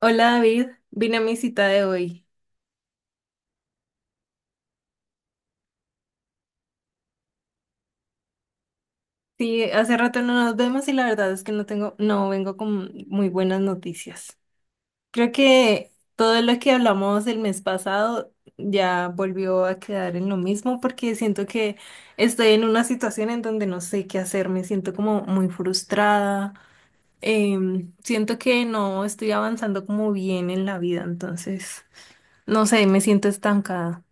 Hola David, vine a mi cita de hoy. Sí, hace rato no nos vemos y la verdad es que no vengo con muy buenas noticias. Creo que todo lo que hablamos el mes pasado ya volvió a quedar en lo mismo porque siento que estoy en una situación en donde no sé qué hacer, me siento como muy frustrada, siento que no estoy avanzando como bien en la vida, entonces, no sé, me siento estancada.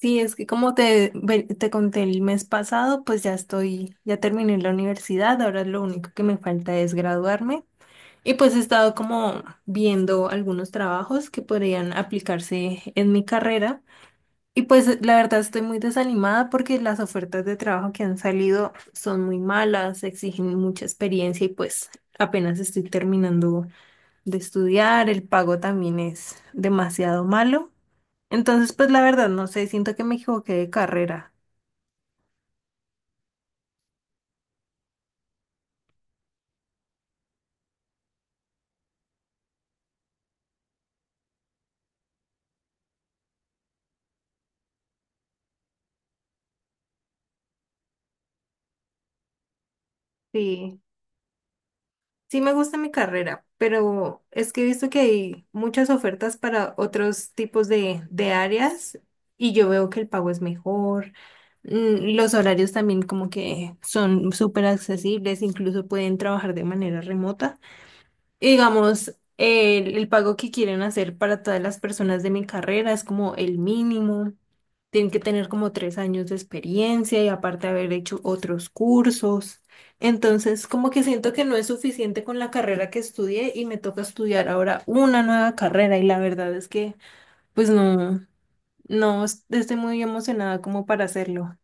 Sí, es que como te conté el mes pasado, pues ya terminé la universidad, ahora lo único que me falta es graduarme y pues he estado como viendo algunos trabajos que podrían aplicarse en mi carrera y pues la verdad estoy muy desanimada porque las ofertas de trabajo que han salido son muy malas, exigen mucha experiencia y pues apenas estoy terminando de estudiar, el pago también es demasiado malo. Entonces, pues la verdad, no sé, siento que me equivoqué de carrera. Sí, sí me gusta mi carrera, pero es que he visto que hay muchas ofertas para otros tipos de áreas y yo veo que el pago es mejor. Los horarios también como que son súper accesibles, incluso pueden trabajar de manera remota. Y digamos, el pago que quieren hacer para todas las personas de mi carrera es como el mínimo. Tienen que tener como 3 años de experiencia y aparte haber hecho otros cursos. Entonces, como que siento que no es suficiente con la carrera que estudié y me toca estudiar ahora una nueva carrera y la verdad es que, pues no, estoy muy emocionada como para hacerlo.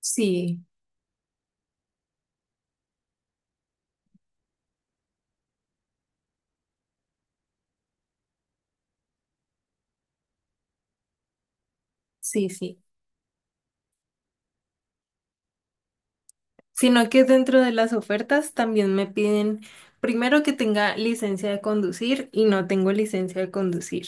Sí, sí, sí. Sino que dentro de las ofertas también me piden primero que tenga licencia de conducir y no tengo licencia de conducir.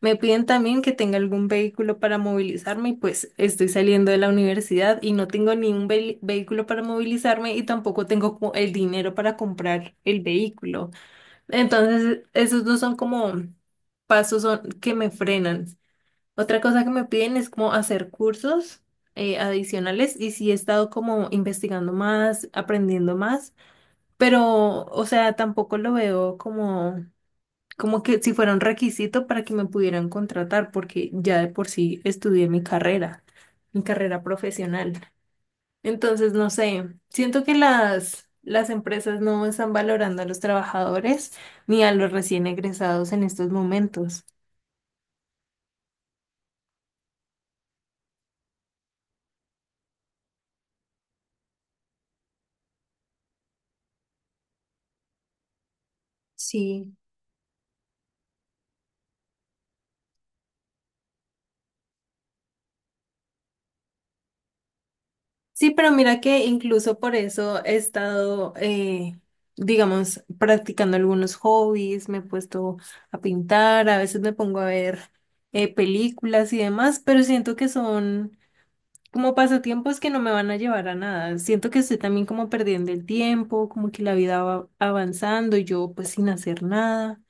Me piden también que tenga algún vehículo para movilizarme y pues estoy saliendo de la universidad y no tengo ni un vehículo para movilizarme y tampoco tengo como el dinero para comprar el vehículo. Entonces, esos dos son como pasos que me frenan. Otra cosa que me piden es como hacer cursos adicionales y sí he estado como investigando más, aprendiendo más, pero o sea, tampoco lo veo como que si fuera un requisito para que me pudieran contratar, porque ya de por sí estudié mi carrera profesional. Entonces, no sé, siento que las empresas no están valorando a los trabajadores ni a los recién egresados en estos momentos. Sí. Sí, pero mira que incluso por eso he estado, digamos, practicando algunos hobbies, me he puesto a pintar, a veces me pongo a ver películas y demás, pero siento que son como pasatiempos que no me van a llevar a nada. Siento que estoy también como perdiendo el tiempo, como que la vida va avanzando y yo pues sin hacer nada.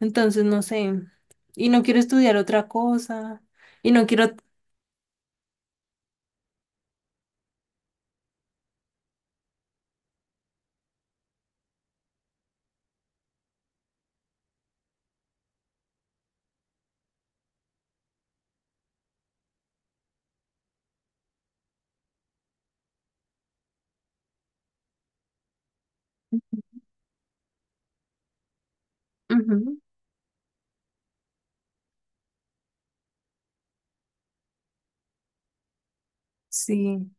Entonces, no sé, y no quiero estudiar otra cosa, y no quiero... Ujú. Sí.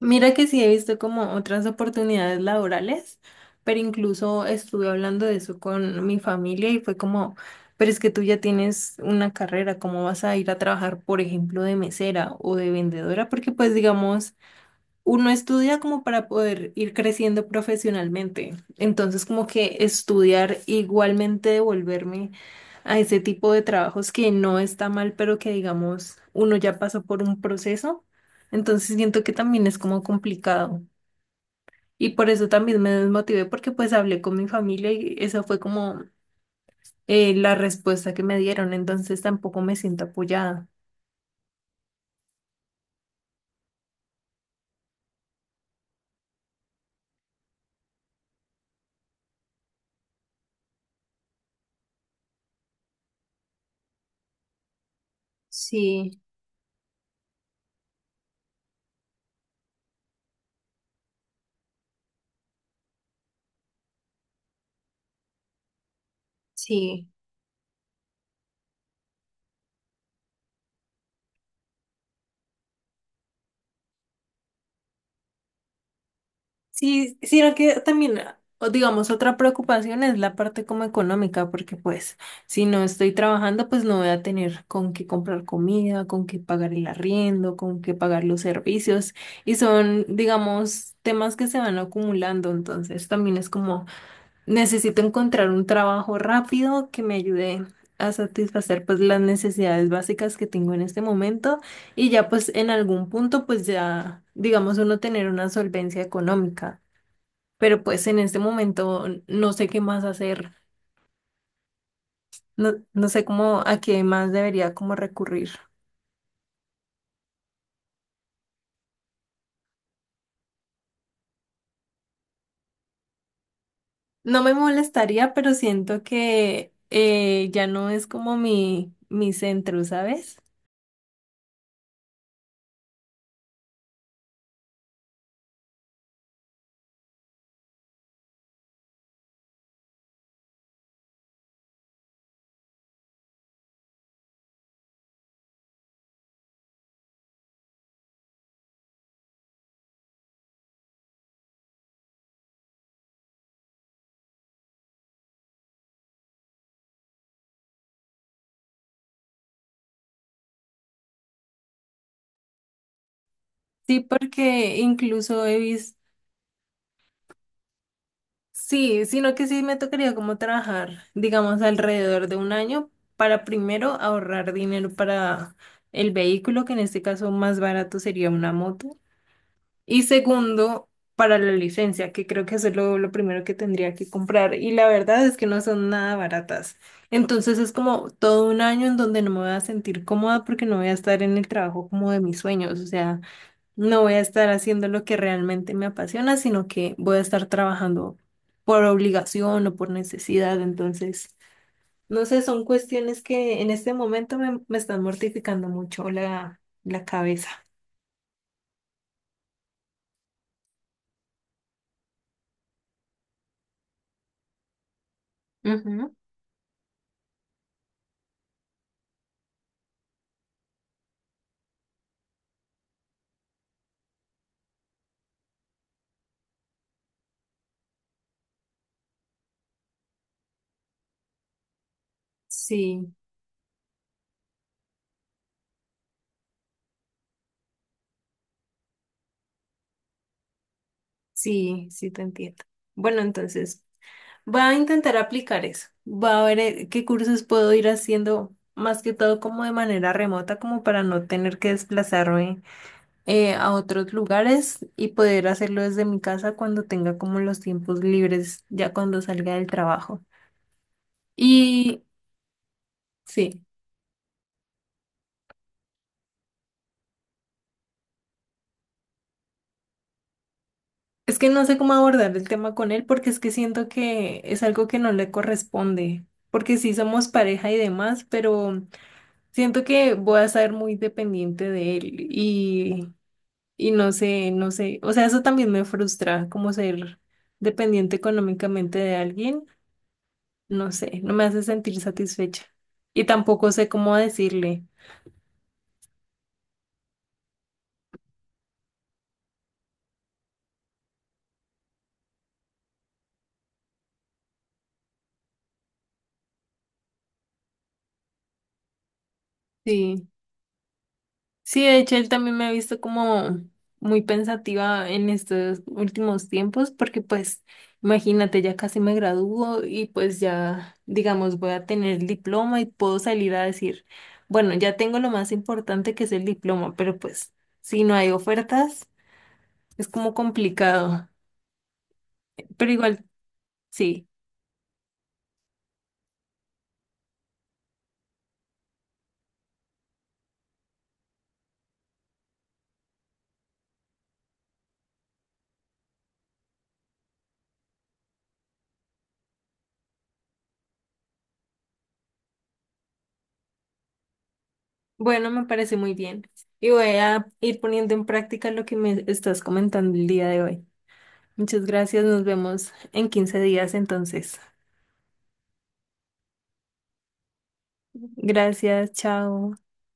Mira que sí he visto como otras oportunidades laborales, pero incluso estuve hablando de eso con mi familia y fue como, pero es que tú ya tienes una carrera, ¿cómo vas a ir a trabajar, por ejemplo, de mesera o de vendedora? Porque pues digamos uno estudia como para poder ir creciendo profesionalmente. Entonces, como que estudiar igualmente devolverme a ese tipo de trabajos que no está mal, pero que digamos, uno ya pasó por un proceso. Entonces, siento que también es como complicado. Y por eso también me desmotivé porque pues hablé con mi familia y esa fue como la respuesta que me dieron. Entonces, tampoco me siento apoyada. Sí, sí. Sí, sino que también, ah, o digamos, otra preocupación es la parte como económica, porque pues si no estoy trabajando, pues no voy a tener con qué comprar comida, con qué pagar el arriendo, con qué pagar los servicios, y son, digamos, temas que se van acumulando, entonces también es como necesito encontrar un trabajo rápido que me ayude a satisfacer pues las necesidades básicas que tengo en este momento. Y ya pues en algún punto pues ya, digamos, uno tener una solvencia económica, pero pues en este momento no sé qué más hacer, no, no sé cómo, a qué más debería como recurrir. No me molestaría, pero siento que ya no es como mi centro, ¿sabes? Sí, porque incluso he visto, sí, sino que sí me tocaría como trabajar, digamos, alrededor de un año para primero ahorrar dinero para el vehículo, que en este caso más barato sería una moto. Y segundo, para la licencia, que creo que eso es lo primero que tendría que comprar. Y la verdad es que no son nada baratas. Entonces es como todo un año en donde no me voy a sentir cómoda porque no voy a estar en el trabajo como de mis sueños. O sea, no voy a estar haciendo lo que realmente me apasiona, sino que voy a estar trabajando por obligación o por necesidad. Entonces, no sé, son cuestiones que en este momento me están mortificando mucho la cabeza. Ujú. Sí. Sí, sí te entiendo. Bueno, entonces, voy a intentar aplicar eso. Voy a ver qué cursos puedo ir haciendo, más que todo como de manera remota, como para no tener que desplazarme a otros lugares y poder hacerlo desde mi casa cuando tenga como los tiempos libres, ya cuando salga del trabajo. Y sí, es que no sé cómo abordar el tema con él porque es que siento que es algo que no le corresponde, porque sí somos pareja y demás, pero... Siento que voy a ser muy dependiente de él y no sé, no sé, o sea, eso también me frustra, como ser dependiente económicamente de alguien, no sé, no me hace sentir satisfecha y tampoco sé cómo decirle. Sí. Sí, de hecho, él también me ha visto como muy pensativa en estos últimos tiempos, porque pues, imagínate, ya casi me gradúo y pues ya, digamos, voy a tener el diploma y puedo salir a decir, bueno, ya tengo lo más importante que es el diploma, pero pues, si no hay ofertas, es como complicado. Pero igual, sí. Bueno, me parece muy bien. Y voy a ir poniendo en práctica lo que me estás comentando el día de hoy. Muchas gracias, nos vemos en 15 días entonces. Gracias, chao.